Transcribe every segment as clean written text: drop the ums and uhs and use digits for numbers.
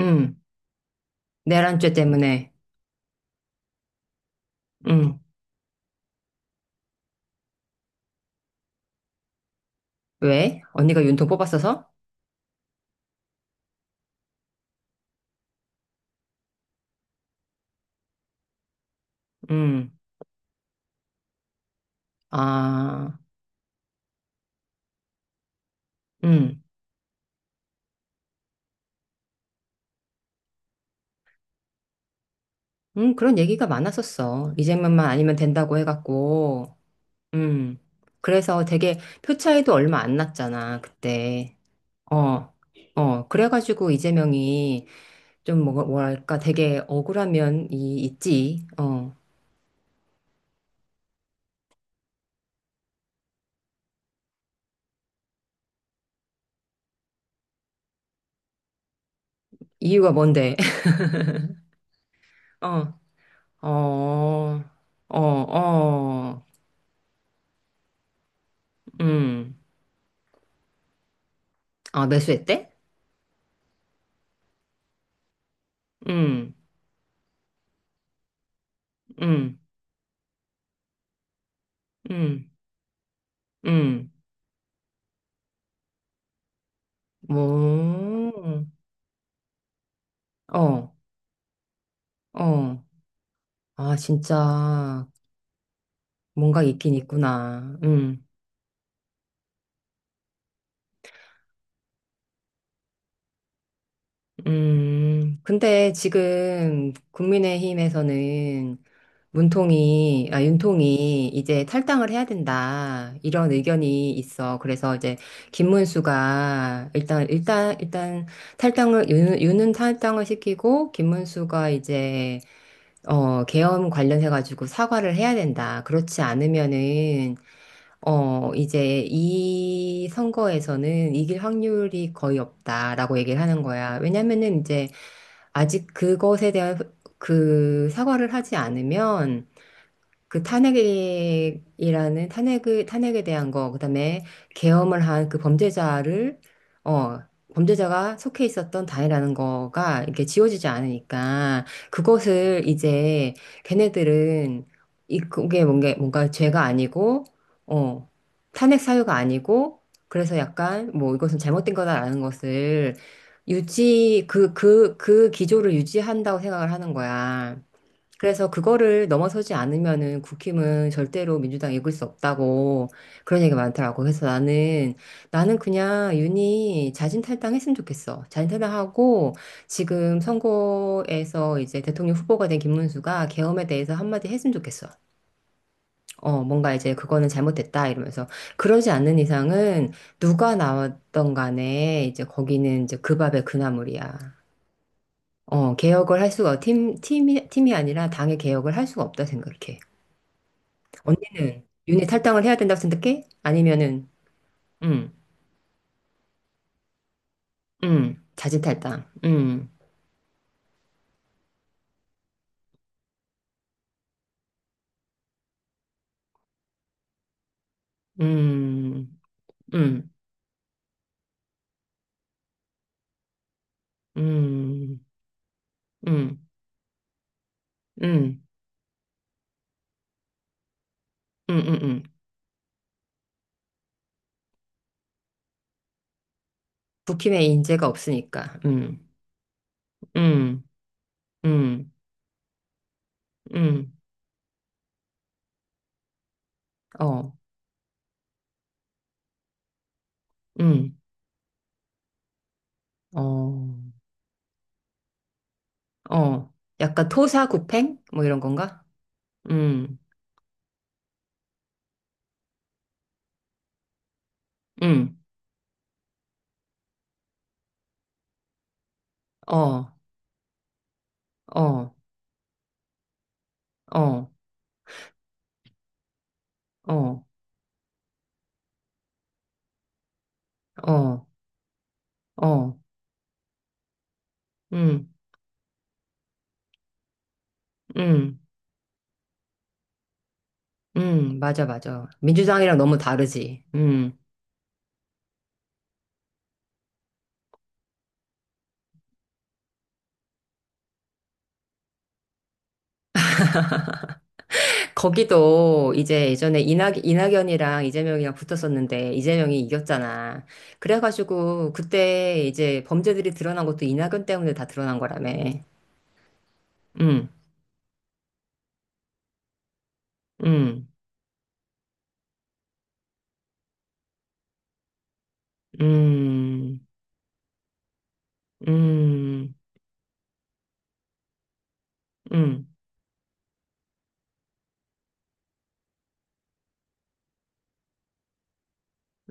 음, 내란죄 때문에. 음, 왜? 언니가 윤통 뽑았어서? 음, 아, 음, 그런 얘기가 많았었어. 이재명만 아니면 된다고 해갖고. 음, 그래서 되게 표 차이도 얼마 안 났잖아, 그때. 어, 어, 그래가지고 이재명이 좀 뭐랄까 되게 억울한 면이 있지. 어, 이유가 뭔데? 어, 어, 어, 어, 음, 아, 매수했대? 음. 응 응 응 뭐, 어, 어. 아, 진짜, 뭔가 있긴 있구나. 응 근데 지금 국민의힘에서는 윤통이 이제 탈당을 해야 된다. 이런 의견이 있어. 그래서 이제 김문수가 일단 탈당을, 윤은 탈당을 시키고, 김문수가 이제 어, 계엄 관련해가지고 사과를 해야 된다. 그렇지 않으면은, 어, 이제 이 선거에서는 이길 확률이 거의 없다라고 얘기를 하는 거야. 왜냐면은 이제 아직 그것에 대한 그 사과를 하지 않으면 그 탄핵이라는 탄핵을 탄핵에 대한 거, 그다음에 계엄을 한 그 범죄자를 어 범죄자가 속해 있었던 단이라는 거가 이게 지워지지 않으니까 그것을 이제 걔네들은 이 그게 뭔가 죄가 아니고 어 탄핵 사유가 아니고 그래서 약간 뭐 이것은 잘못된 거다라는 것을 유지 그 기조를 유지한다고 생각을 하는 거야. 그래서 그거를 넘어서지 않으면은 국힘은 절대로 민주당 이길 수 없다고 그런 얘기가 많더라고. 그래서 나는 그냥 윤이 자진 탈당했으면 좋겠어. 자진 탈당하고 지금 선거에서 이제 대통령 후보가 된 김문수가 계엄에 대해서 한마디 했으면 좋겠어. 어, 뭔가 이제 그거는 잘못됐다 이러면서 그러지 않는 이상은 누가 나왔던 간에 이제 거기는 이제 그 밥에 그 나물이야. 어, 개혁을 할 수가 팀 팀이 팀이 아니라 당의 개혁을 할 수가 없다 생각해. 언니는 윤희 탈당을 해야 된다고 생각해? 아니면은, 음, 자진 탈당, 음, 음, 음, 음, 음, 음, 음, 음. 국힘에 인재가 없으니까, 음, 음, 음, 어, 음, 어, 어. 약간 토사구팽? 뭐 이런 건가? 음, 음, 어, 어, 어, 어, 어, 어, 음, 음. 맞아, 맞아. 민주당이랑 너무 다르지. 음. 거기도 이제 예전에 이낙연이랑 이재명이랑 붙었었는데 이재명이 이겼잖아. 그래가지고 그때 이제 범죄들이 드러난 것도 이낙연 때문에 다 드러난 거라며. 음, 음, 음, 음, 음,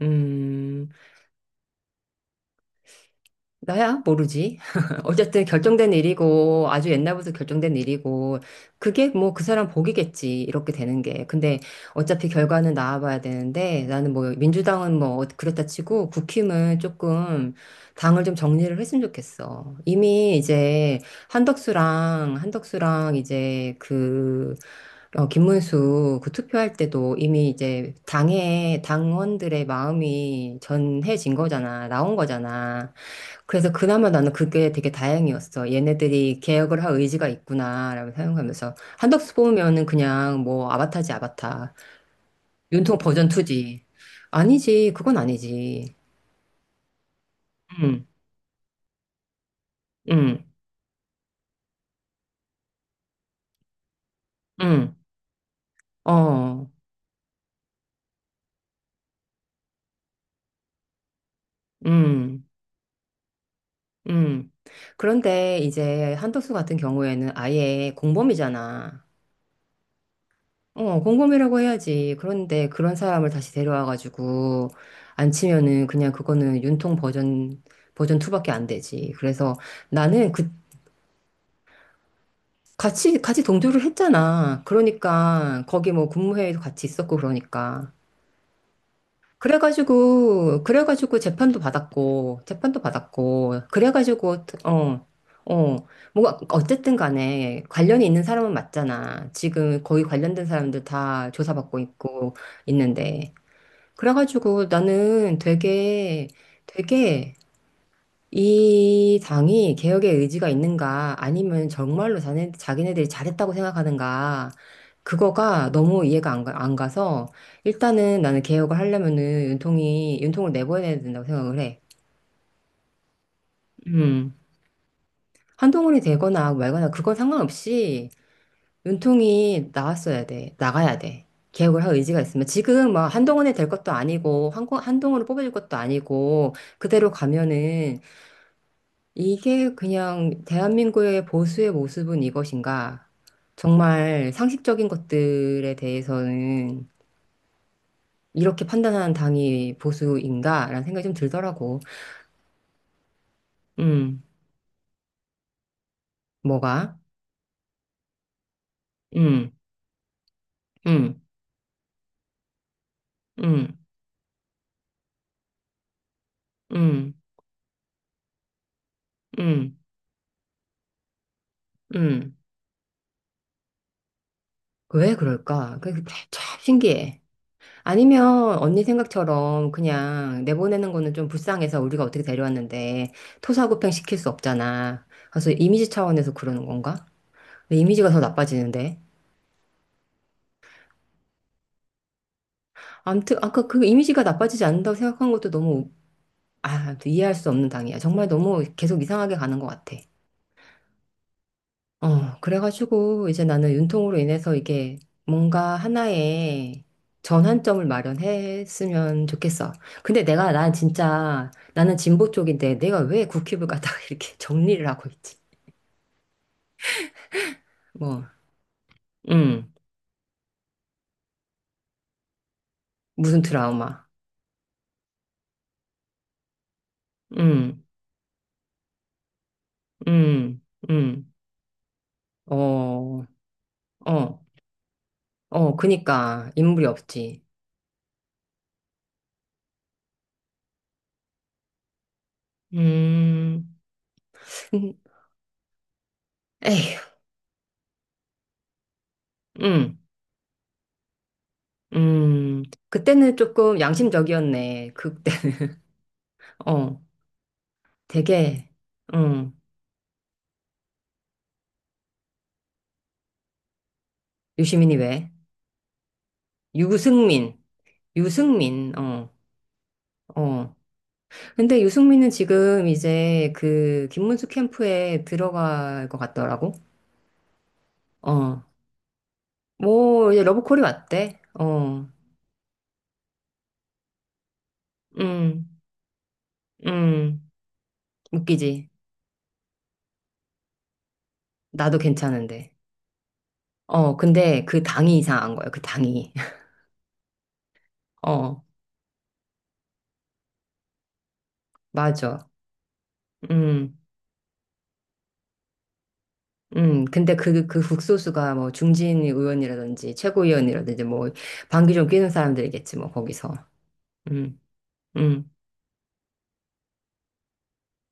음. 나야 모르지. 어쨌든 결정된 일이고 아주 옛날부터 결정된 일이고 그게 뭐 그 사람 복이겠지 이렇게 되는 게. 근데 어차피 결과는 나와봐야 되는데 나는 뭐 민주당은 뭐 그랬다 치고 국힘은 조금 당을 좀 정리를 했으면 좋겠어. 이미 이제 한덕수랑 이제 그 어, 김문수 그 투표할 때도 이미 이제 당의 당원들의 마음이 전해진 거잖아. 나온 거잖아. 그래서 그나마 나는 그게 되게 다행이었어. 얘네들이 개혁을 할 의지가 있구나라고 생각하면서. 한덕수 뽑으면은 그냥 뭐 아바타지 아바타. 윤통 버전 2지. 아니지. 그건 아니지. 응, 응, 응, 어, 응, 응. 그런데 이제 한덕수 같은 경우에는 아예 공범이잖아. 어, 공범이라고 해야지. 그런데 그런 사람을 다시 데려와가지고 안 치면은 그냥 그거는 버전 2밖에 안 되지. 그래서 나는 그, 같이 동조를 했잖아. 그러니까 거기 뭐 국무회의도 같이 있었고 그러니까. 그래가지고 재판도 받았고, 그래가지고, 어, 어, 뭐가, 어쨌든 간에 관련이 있는 사람은 맞잖아. 지금 거의 관련된 사람들 다 조사받고 있고, 있는데. 그래가지고 나는 되게, 되게 이 당이 개혁의 의지가 있는가 아니면 정말로 자기네들이 잘했다고 생각하는가 그거가 너무 이해가 안 가서 일단은 나는 개혁을 하려면은 윤통을 내보내야 된다고 생각을 해. 음. 한동훈이 되거나 말거나 그건 상관없이 윤통이 나왔어야 돼. 나가야 돼. 개혁을 할 의지가 있으면. 지금 막 한동훈이 될 것도 아니고, 한동훈을 뽑아줄 것도 아니고, 그대로 가면은 이게 그냥 대한민국의 보수의 모습은 이것인가? 정말 상식적인 것들에 대해서는 이렇게 판단하는 당이 보수인가? 라는 생각이 좀 들더라고. 음, 뭐가? 음, 음, 음, 음, 음, 음. 왜 그럴까? 그게 참 신기해. 아니면 언니 생각처럼 그냥 내보내는 거는 좀 불쌍해서 우리가 어떻게 데려왔는데 토사구팽 시킬 수 없잖아. 그래서 이미지 차원에서 그러는 건가? 근데 이미지가 더 나빠지는데. 아무튼 아까 그 이미지가 나빠지지 않는다고 생각한 것도 너무 아, 아무튼 이해할 수 없는 당이야. 정말 너무 계속 이상하게 가는 것 같아. 어, 그래가지고 이제 나는 윤통으로 인해서 이게 뭔가 하나의 전환점을 마련했으면 좋겠어. 근데 난 진짜, 나는 진보 쪽인데 내가 왜 국힙을 갖다가 이렇게 정리를 하고 있지? 뭐, 음, 무슨 드라마, 음, 음, 음, 어, 어, 어, 그니까 인물이 없지. 음, 에휴, 음, 음. 그때는 조금 양심적이었네. 그때. 어. 되게, 응, 유시민이 왜? 유승민, 유승민, 어, 어. 근데 유승민은 지금 이제 그 김문수 캠프에 들어갈 것 같더라고. 어, 뭐, 이제 러브콜이 왔대. 어, 음, 음, 웃기지. 나도 괜찮은데. 어, 근데 그 당이 이상한 거야, 그 당이. 어, 맞아. 음. 근데 그 국소수가 뭐 중진 의원이라든지 최고위원이라든지 뭐 방귀 좀 뀌는 사람들이겠지, 뭐 거기서. 음, 음.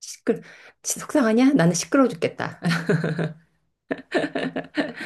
시끄, 시- 속상하냐? 나는 시끄러워 죽겠다.